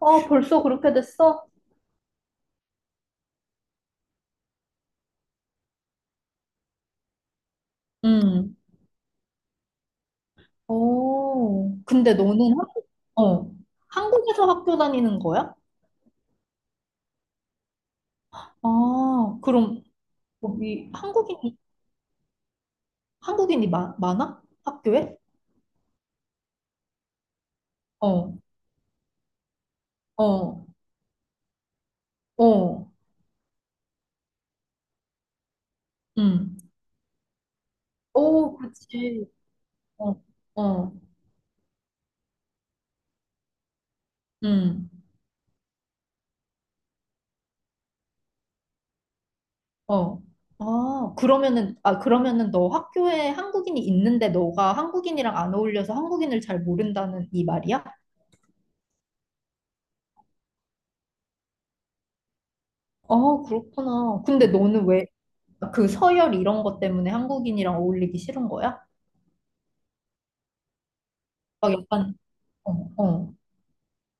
아, 벌써 그렇게 됐어? 음. 오, 근데 너는 한국, 어, 한국에서 학교 다니는 거야? 아, 그럼 여기 한국인, 한국인이 많아? 학교에? 어, 어, 어, 음. 오, 그치. 어, 어, 음. 어. 아, 그러면은, 아, 그러면은 너 학교에 한국인이 있는데 너가 한국인이랑 안 어울려서 한국인을 잘 모른다는 이 말이야? 아, 그렇구나. 근데 너는 왜, 그 서열 이런 것 때문에 한국인이랑 어울리기 싫은 거야? 막 약간 어, 어,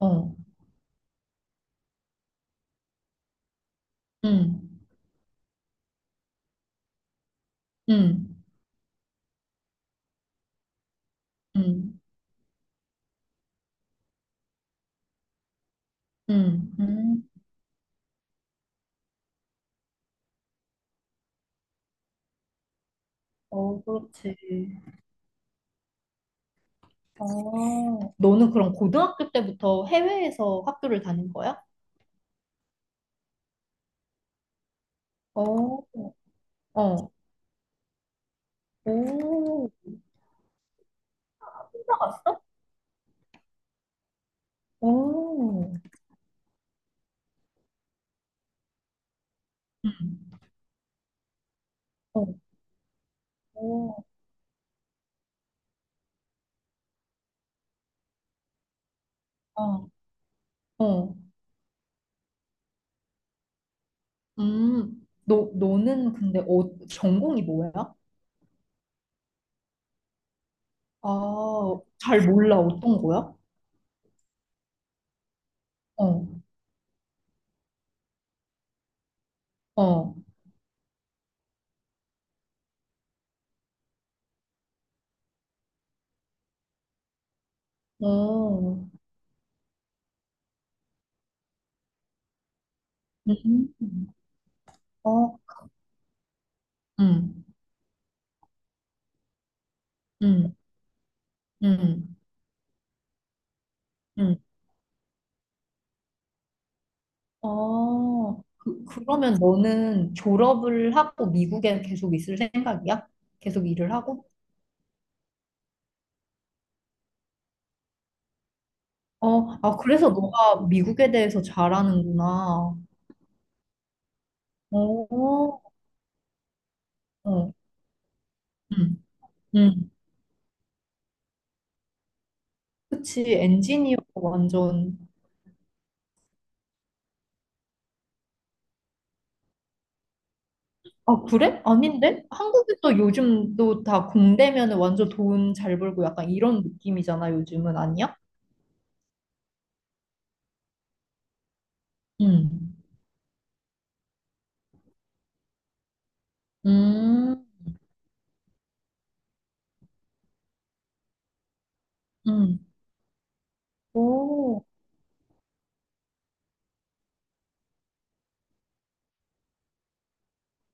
어, 음, 음, 음, 음, 음. 어, 그렇지. 어, 너는 그럼 고등학교 때부터 해외에서 학교를 다닌 거야? 어, 어, 오, 올라갔어. 오, 음, 어, 오, 어, 어, 너는 근데 어, 전공이 뭐야? 아, 잘 몰라, 어떤 거야? 어, 어. 어, 음. 어, 음. 음. 음. 음. 어. 그러면 너는 졸업을 하고 미국에 계속 있을 생각이야? 계속 일을 하고? 어, 아, 그래서 너가 미국에 대해서 잘 아는구나. 어, 어. 음. 음. 그치, 엔지니어 완전. 아, 그래? 아닌데? 한국에서 요즘도 다 공대면 완전 돈 잘 벌고 약간 이런 느낌이잖아, 요즘은 아니야? 음. 음. 응. 오,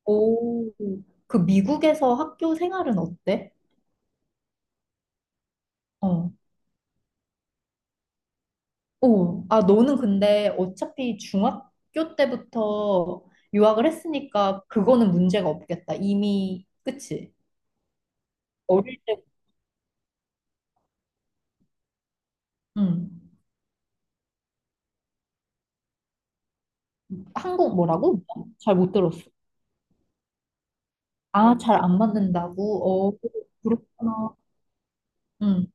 오, 그 미국에서 학교 생활은 어때? 어. 오, 아, 너는 근데 어차피 중학교 때부터 유학을 했으니까 그거는 문제가 없겠다. 이미, 그치? 어릴 때, 응. 한국 뭐라고? 잘 못 들었어. 아, 잘 안 맞는다고? 어, 그렇구나. 응.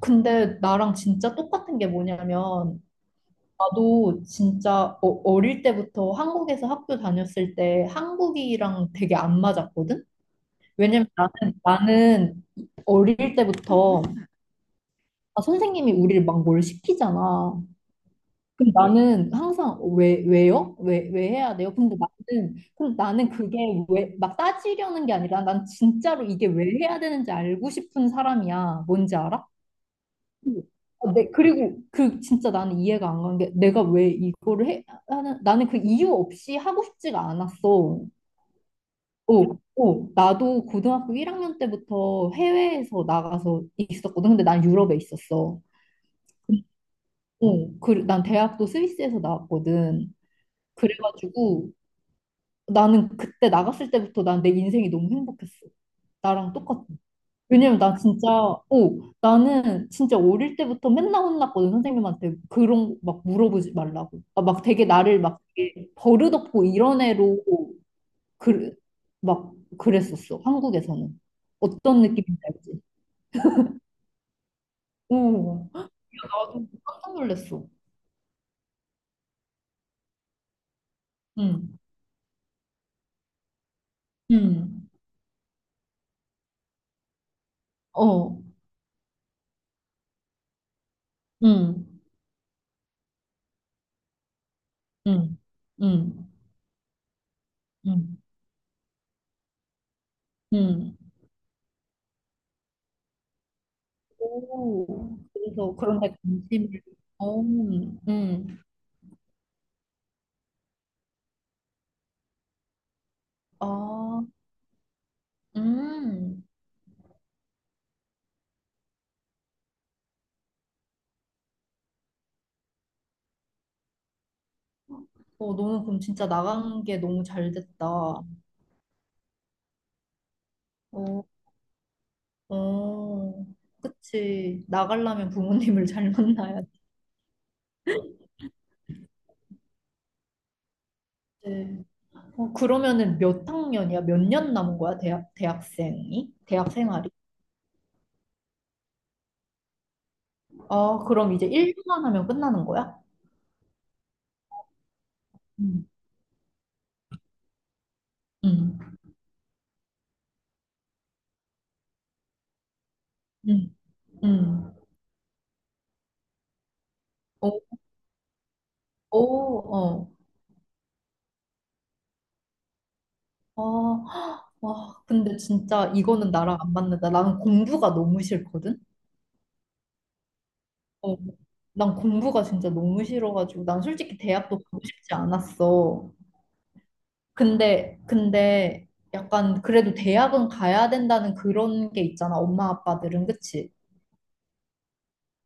근데 나랑 진짜 똑같은 게 뭐냐면, 나도 진짜 어, 어릴 때부터 한국에서 학교 다녔을 때 한국이랑 되게 안 맞았거든? 왜냐면 나는 어릴 때부터 아, 선생님이 우리를 막 뭘 시키잖아. 그럼 나는 항상 왜, 왜요? 왜, 왜 해야 돼요? 근데 나는 그게 왜, 막 따지려는 게 아니라 난 진짜로 이게 왜 해야 되는지 알고 싶은 사람이야. 뭔지 알아? 아, 네, 그리고 그 진짜 나는 이해가 안 가는 게 내가 왜 이거를 해 하는 나는 그 이유 없이 하고 싶지가 않았어. 오 오 나도 고등학교 1학년 때부터 해외에서 나가서 있었거든. 근데 난 유럽에 있었어. 어, 그, 난 대학도 스위스에서 나왔거든. 그래가지고 나는 그때 나갔을 때부터 난 내 인생이 너무 행복했어. 나랑 똑같아. 왜냐면 나 진짜, 오, 나는 진짜 어릴 때부터 맨날 혼났거든, 선생님한테. 그런, 막 물어보지 말라고. 아, 막 되게 나를 막 되게 버릇없고 이런 애로, 그, 막 그랬었어, 한국에서는. 어떤 느낌인지 알지? 오, 나도 깜짝 놀랐어. 응, 응, 어, 응, 응, 응, 응, 응. 오, 그래서 그런데 관심을, 어, 응, 응. 아, 음. 어, 너는 그럼 진짜 나간 게 너무 잘 됐다. 어, 어, 그치. 나가려면 부모님을 잘 만나야 지 어, 그러면은 몇 학년이야? 몇 년 남은 거야? 대학, 대학생이? 대학 생활이? 아, 그럼 이제 1년만 하면 끝나는 거야? 응, 응, 응, 응. 어, 어, 어. 아, 와, 근데 진짜 이거는 나랑 안 맞는다. 나는 공부가 너무 싫거든? 어, 난 공부가 진짜 너무 싫어가지고 난 솔직히 대학도 가고 싶지 않았어. 근데 약간 그래도 대학은 가야 된다는 그런 게 있잖아. 엄마 아빠들은 그치?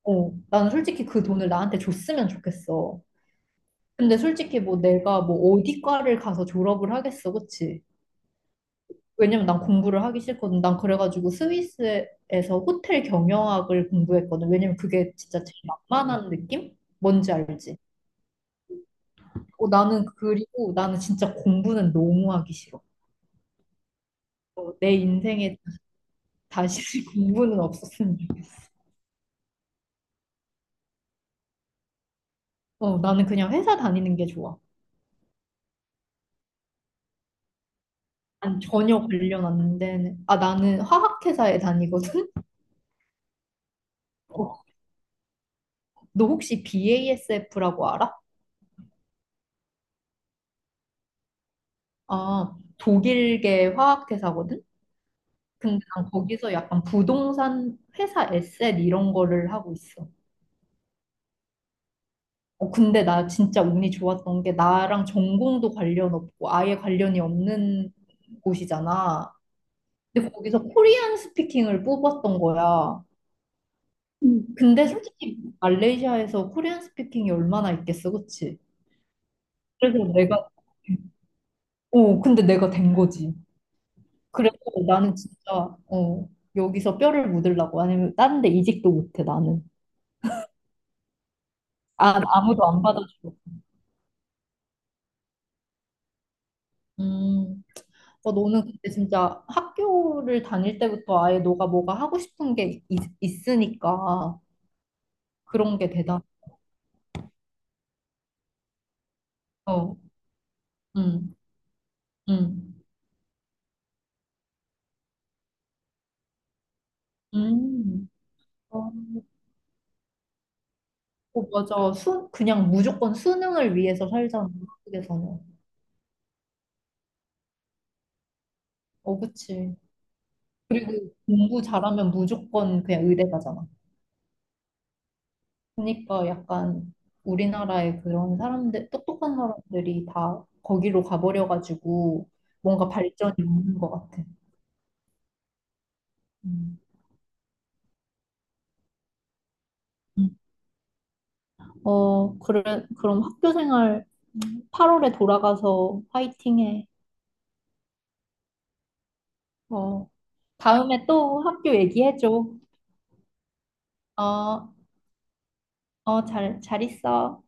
어, 난 솔직히 그 돈을 나한테 줬으면 좋겠어. 근데 솔직히 뭐 내가 뭐 어디 과를 가서 졸업을 하겠어, 그치? 왜냐면 난 공부를 하기 싫거든. 난 그래가지고 스위스에서 호텔 경영학을 공부했거든. 왜냐면 그게 진짜 제일 만만한 느낌? 뭔지 알지? 어, 나는 그리고 나는 진짜 공부는 너무 하기 싫어. 어, 내 인생에 다시 공부는 없었으면 좋겠어. 어, 나는 그냥 회사 다니는 게 좋아. 난 전혀 관련 안 되는. 아, 나는 화학회사에 다니거든? 어, 너 혹시 BASF라고 알아? 아, 독일계 화학회사거든? 근데 난 거기서 약간 부동산 회사 에셋 이런 거를 하고 있어. 어, 근데 나 진짜 운이 좋았던 게 나랑 전공도 관련 없고 아예 관련이 없는 곳이잖아. 근데 거기서 코리안 스피킹을 뽑았던 거야. 음. 근데 솔직히 말레이시아에서 코리안 스피킹이 얼마나 있겠어, 그치? 그래서 내가, 어, 근데 내가 된 거지. 그래서 나는 진짜, 어, 여기서 뼈를 묻으려고. 아니면 다른 데 이직도 못해, 나는. 아, 아무도 안 받아줘. 음. 어, 너는 근데 진짜 학교를 다닐 때부터 아예 너가 뭐가 하고 싶은 게 있으니까 그런 게 대단. 어, 음, 음, 음. 어, 어, 맞아. 그냥 무조건 수능을 위해서 살잖아, 한국에서는. 어, 그치. 그리고 공부 잘하면 무조건 그냥 의대 가잖아. 그러니까 약간 우리나라의 그런 사람들, 똑똑한 사람들이 다 거기로 가버려가지고 뭔가 발전이 없는 것 같아. 음. 어, 그래, 그럼 학교 생활 8월에 돌아가서 화이팅해. 어, 다음에 또 학교 얘기해줘. 어, 어, 잘 있어.